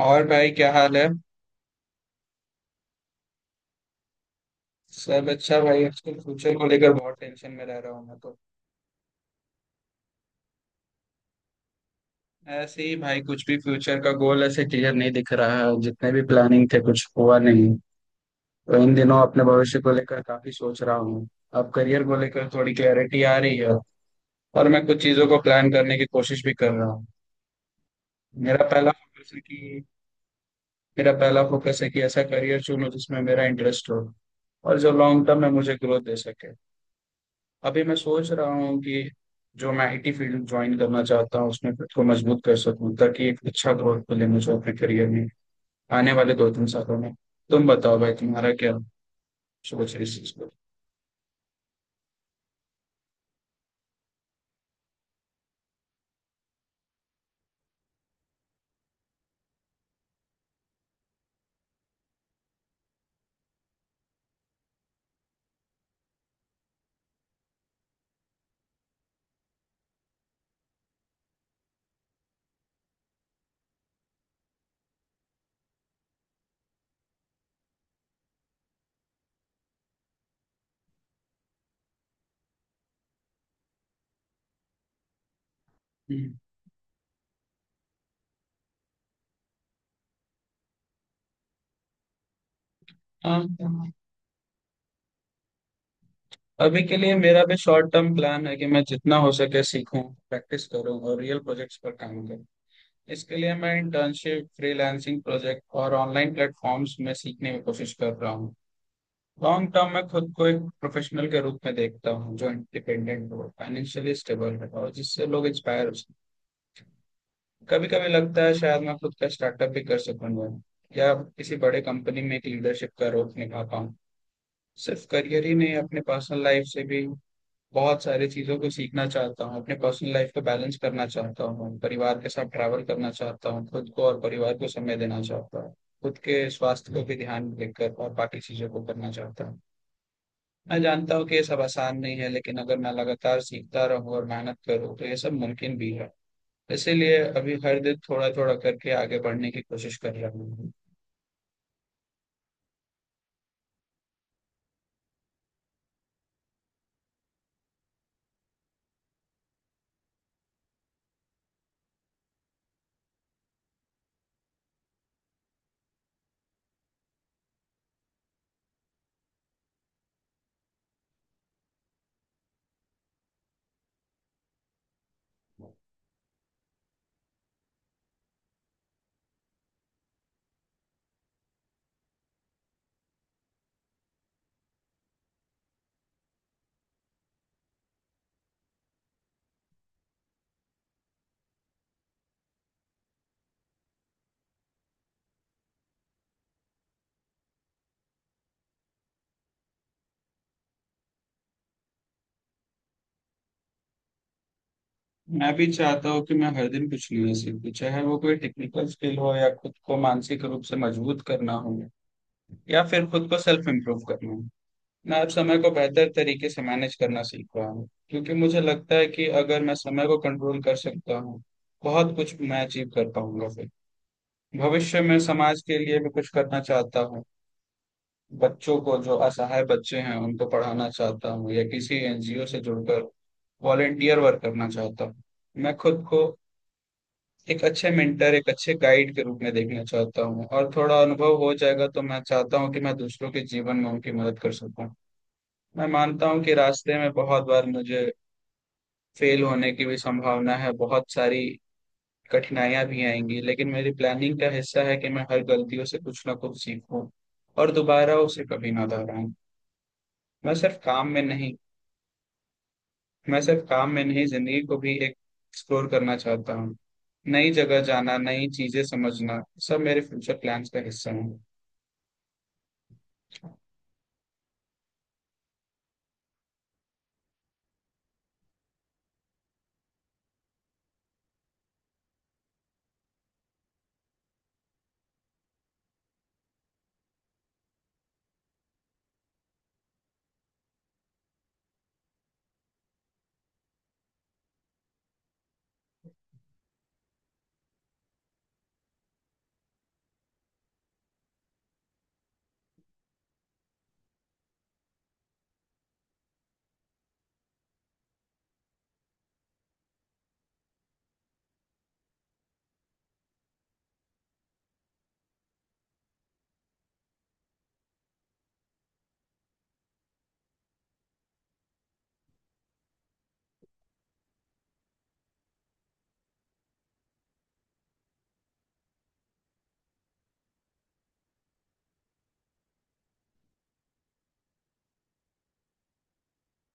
और भाई, क्या हाल है? सब अच्छा भाई। आजकल फ्यूचर को लेकर बहुत टेंशन में रह रहा हूँ मैं तो। ऐसे ही भाई, कुछ भी फ्यूचर का गोल ऐसे क्लियर नहीं दिख रहा है, जितने भी प्लानिंग थे कुछ हुआ नहीं। तो इन दिनों अपने भविष्य को लेकर काफी सोच रहा हूँ। अब करियर को लेकर थोड़ी क्लैरिटी आ रही है और मैं कुछ चीजों को प्लान करने की कोशिश भी कर रहा हूँ। मेरा पहला फोकस है कि मेरा पहला फोकस है कि ऐसा करियर चुनूं जिसमें मेरा इंटरेस्ट हो और जो लॉन्ग टर्म में मुझे ग्रोथ दे सके। अभी मैं सोच रहा हूँ कि जो मैं आईटी फील्ड ज्वाइन करना चाहता हूँ उसमें खुद को मजबूत कर सकूँ, ताकि एक अच्छा ग्रोथ मिले मुझे अपने करियर में आने वाले दो तीन सालों में। तुम बताओ भाई, तुम्हारा क्या सोच है इस चीज पर? हम्म, हाँ। अभी के लिए मेरा भी शॉर्ट टर्म प्लान है कि मैं जितना हो सके सीखूं, प्रैक्टिस करूं और रियल प्रोजेक्ट्स पर काम करूं। इसके लिए मैं इंटर्नशिप, फ्रीलांसिंग प्रोजेक्ट और ऑनलाइन प्लेटफॉर्म्स में सीखने की कोशिश कर रहा हूँ। लॉन्ग टर्म में खुद को एक प्रोफेशनल के रूप में देखता हूँ जो इंडिपेंडेंट हो, फाइनेंशियली स्टेबल है और जिससे लोग इंस्पायर हो सकें। कभी कभी लगता है शायद मैं खुद का स्टार्टअप भी कर सकूंगा या किसी बड़े कंपनी में एक लीडरशिप का रोल निभा पाऊँ। सिर्फ करियर ही नहीं, अपने पर्सनल लाइफ से भी बहुत सारी चीज़ों को सीखना चाहता हूँ। अपने पर्सनल लाइफ को बैलेंस करना चाहता हूँ, परिवार के साथ ट्रैवल करना चाहता हूँ, खुद को और परिवार को समय देना चाहता हूँ। खुद के स्वास्थ्य को भी ध्यान देकर और बाकी चीज़ों को करना चाहता हूँ। मैं जानता हूँ कि ये सब आसान नहीं है, लेकिन अगर मैं लगातार सीखता रहूँ और मेहनत करूँ तो ये सब मुमकिन भी है। इसीलिए अभी हर दिन थोड़ा थोड़ा करके आगे बढ़ने की कोशिश कर रहा हूँ। मैं भी चाहता हूँ कि मैं हर दिन कुछ नया सीखूं, चाहे वो कोई टेक्निकल स्किल हो या खुद को मानसिक रूप से मजबूत करना हो या फिर खुद को सेल्फ इम्प्रूव करना हो। मैं अब समय को बेहतर तरीके से मैनेज करना सीख रहा हूँ, क्योंकि मुझे लगता है कि अगर मैं समय को कंट्रोल कर सकता हूँ, बहुत कुछ मैं अचीव कर पाऊंगा फिर। भविष्य में समाज के लिए भी कुछ करना चाहता हूँ। बच्चों को, जो असहाय बच्चे हैं, उनको पढ़ाना चाहता हूँ या किसी एनजीओ से जुड़कर वॉलेंटियर वर्क करना चाहता हूँ। मैं खुद को एक अच्छे मेंटर, एक अच्छे गाइड के रूप में देखना चाहता हूँ, और थोड़ा अनुभव हो जाएगा तो मैं चाहता हूँ कि मैं दूसरों के जीवन में उनकी मदद कर सकूँ। मैं मानता हूँ कि रास्ते में बहुत बार मुझे फेल होने की भी संभावना है, बहुत सारी कठिनाइयां भी आएंगी, लेकिन मेरी प्लानिंग का हिस्सा है कि मैं हर गलतियों से कुछ ना कुछ सीखूं और दोबारा उसे कभी ना दोहराऊं। मैं सिर्फ काम में नहीं मैं सिर्फ काम में नहीं, जिंदगी को भी एक एक्सप्लोर करना चाहता हूँ। नई जगह जाना, नई चीजें समझना, सब मेरे फ्यूचर प्लान्स का हिस्सा है।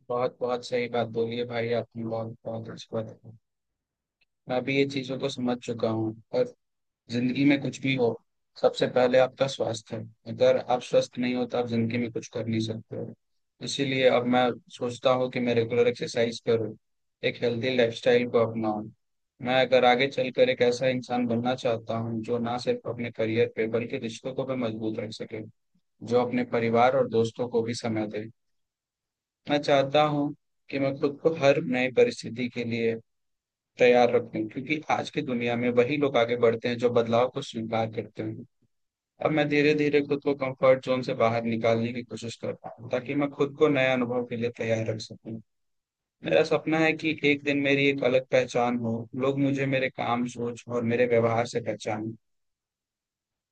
बहुत बहुत सही बात बोली है भाई आपने, बहुत बहुत अच्छी बात है। मैं भी ये चीजों को समझ चुका हूँ और जिंदगी में कुछ भी हो, सबसे पहले आपका स्वास्थ्य है। अगर आप स्वस्थ नहीं हो तो आप जिंदगी में कुछ कर नहीं सकते हो। इसीलिए अब मैं सोचता हूँ कि मैं रेगुलर एक्सरसाइज करूँ, एक हेल्दी लाइफस्टाइल को अपनाऊँ। मैं अगर आगे चलकर एक ऐसा इंसान बनना चाहता हूँ जो ना सिर्फ अपने करियर पे बल्कि रिश्तों को भी मजबूत रख सके, जो अपने परिवार और दोस्तों को भी समय दे। मैं चाहता हूँ कि मैं खुद को हर नई परिस्थिति के लिए तैयार रखूं, क्योंकि आज की दुनिया में वही लोग आगे बढ़ते हैं जो बदलाव को स्वीकार करते हैं। अब मैं धीरे धीरे खुद को कंफर्ट जोन से बाहर निकालने की कोशिश कर रहा हूँ, ताकि मैं खुद को नए अनुभव के लिए तैयार रख सकूँ। मेरा सपना है कि एक दिन मेरी एक अलग पहचान हो, लोग मुझे मेरे काम, सोच और मेरे व्यवहार से पहचानें।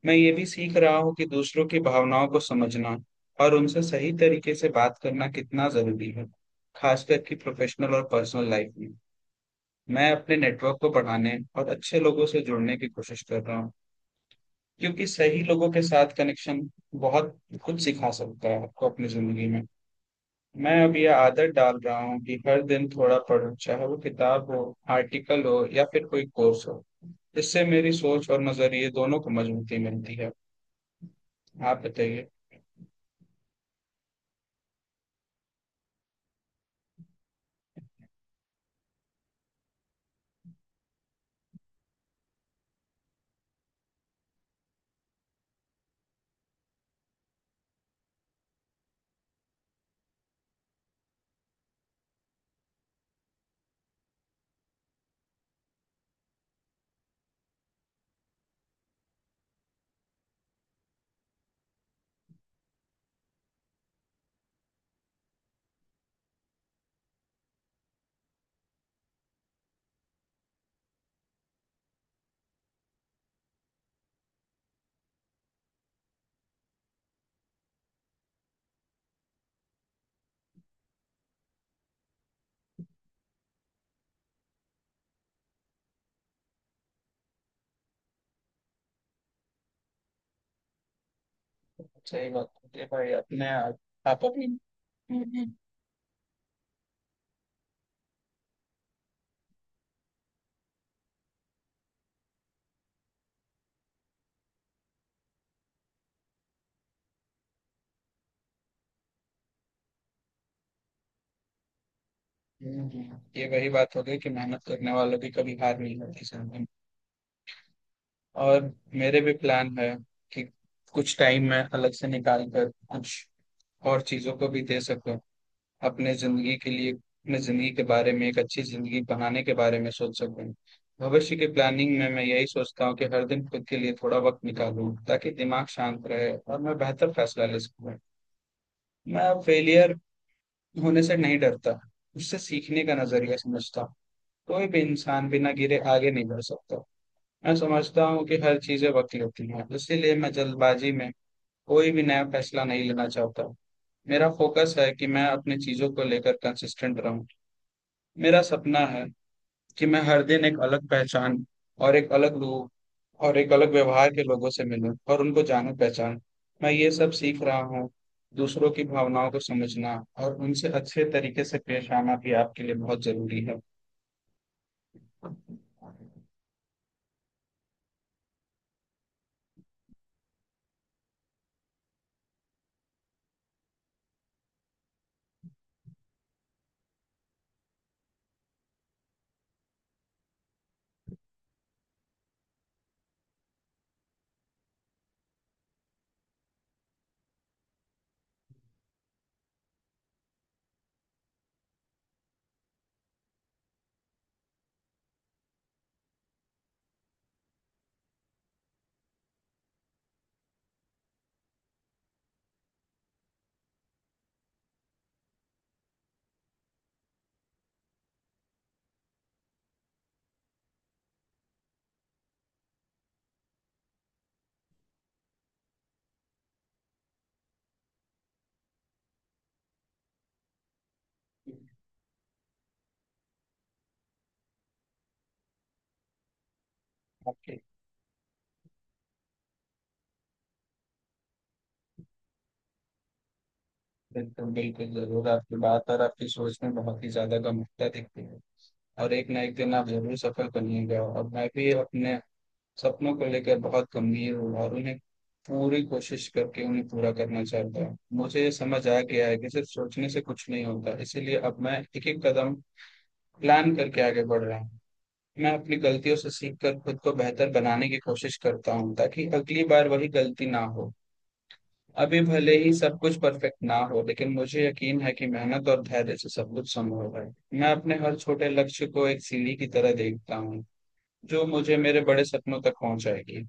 मैं ये भी सीख रहा हूँ कि दूसरों की भावनाओं को समझना और उनसे सही तरीके से बात करना कितना जरूरी है, खासकर कि प्रोफेशनल और पर्सनल लाइफ में। मैं अपने नेटवर्क को बढ़ाने और अच्छे लोगों से जुड़ने की कोशिश कर रहा हूँ, क्योंकि सही लोगों के साथ कनेक्शन बहुत कुछ सिखा सकता है आपको अपनी जिंदगी में। मैं अब ये आदत डाल रहा हूँ कि हर दिन थोड़ा पढूं, चाहे वो किताब हो, आर्टिकल हो या फिर कोई कोर्स हो। इससे मेरी सोच और नजरिए दोनों को मजबूती मिलती है। आप बताइए। सही बात होती है भाई, अपने आप। आप अपनी हम्म, हम्म। ये वही बात हो गई कि मेहनत करने वालों की कभी हार नहीं होती जिंदगी में। और मेरे भी प्लान है कि कुछ टाइम में अलग से निकाल कर कुछ और चीजों को भी दे सको, अपने जिंदगी के लिए, अपने जिंदगी के बारे में, एक अच्छी जिंदगी बनाने के बारे में सोच सकूं। भविष्य की प्लानिंग में मैं यही सोचता हूँ कि हर दिन खुद के लिए थोड़ा वक्त निकालूं, ताकि दिमाग शांत रहे और मैं बेहतर फैसला ले सकूं। मैं अब फेलियर होने से नहीं डरता, उससे सीखने का नजरिया समझता हूँ। कोई भी इंसान बिना गिरे आगे नहीं बढ़ सकता। मैं समझता हूँ कि हर चीजें वक्त लेती हैं, इसीलिए मैं जल्दबाजी में कोई भी नया फैसला नहीं लेना चाहता। मेरा फोकस है कि मैं अपनी चीजों को लेकर कंसिस्टेंट रहूं। मेरा सपना है कि मैं हर दिन एक अलग पहचान और एक अलग रूप और एक अलग व्यवहार के लोगों से मिलूं और उनको जानूं, पहचान। मैं ये सब सीख रहा हूँ — दूसरों की भावनाओं को समझना और उनसे अच्छे तरीके से पेश आना भी आपके लिए बहुत जरूरी है। आपके बिल्कुल बिल्कुल जरूर, आपकी बात और आपकी सोच में बहुत ही ज्यादा गंभीरता दिखती है और एक ना एक दिन आप जरूर सफल बनिएगा। और मैं भी अपने सपनों को लेकर बहुत गंभीर हूँ और उन्हें पूरी कोशिश करके उन्हें पूरा करना चाहता हूँ। मुझे ये समझ आ गया है कि सिर्फ सोचने से कुछ नहीं होता, इसीलिए अब मैं एक-एक कदम प्लान करके आगे बढ़ रहा हूँ। मैं अपनी गलतियों से सीखकर खुद को बेहतर बनाने की कोशिश करता हूँ, ताकि अगली बार वही गलती ना हो। अभी भले ही सब कुछ परफेक्ट ना हो, लेकिन मुझे यकीन है कि मेहनत और धैर्य से सब कुछ संभव है। मैं अपने हर छोटे लक्ष्य को एक सीढ़ी की तरह देखता हूँ, जो मुझे मेरे बड़े सपनों तक पहुँचाएगी।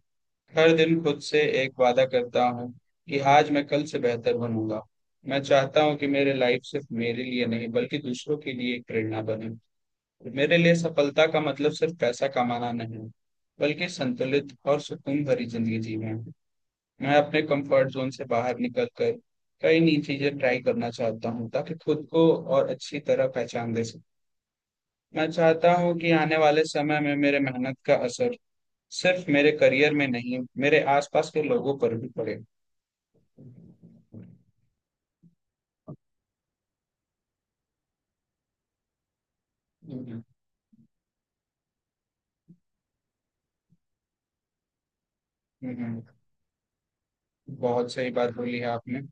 हर दिन खुद से एक वादा करता हूँ कि आज मैं कल से बेहतर बनूंगा। मैं चाहता हूँ कि मेरी लाइफ सिर्फ मेरे लिए नहीं बल्कि दूसरों के लिए एक प्रेरणा बने। मेरे लिए सफलता का मतलब सिर्फ पैसा कमाना नहीं, बल्कि संतुलित और सुकून भरी जिंदगी जीना है। मैं अपने कंफर्ट जोन से बाहर निकल कर कई नई चीजें ट्राई करना चाहता हूँ, ताकि खुद को और अच्छी तरह पहचान दे सकूँ। मैं चाहता हूँ कि आने वाले समय में मेरे मेहनत का असर सिर्फ मेरे करियर में नहीं, मेरे आसपास के लोगों पर भी पड़े। हम्म, हम्म, हम्म, हम्म, हम्म। बहुत सही बात बोली है आपने।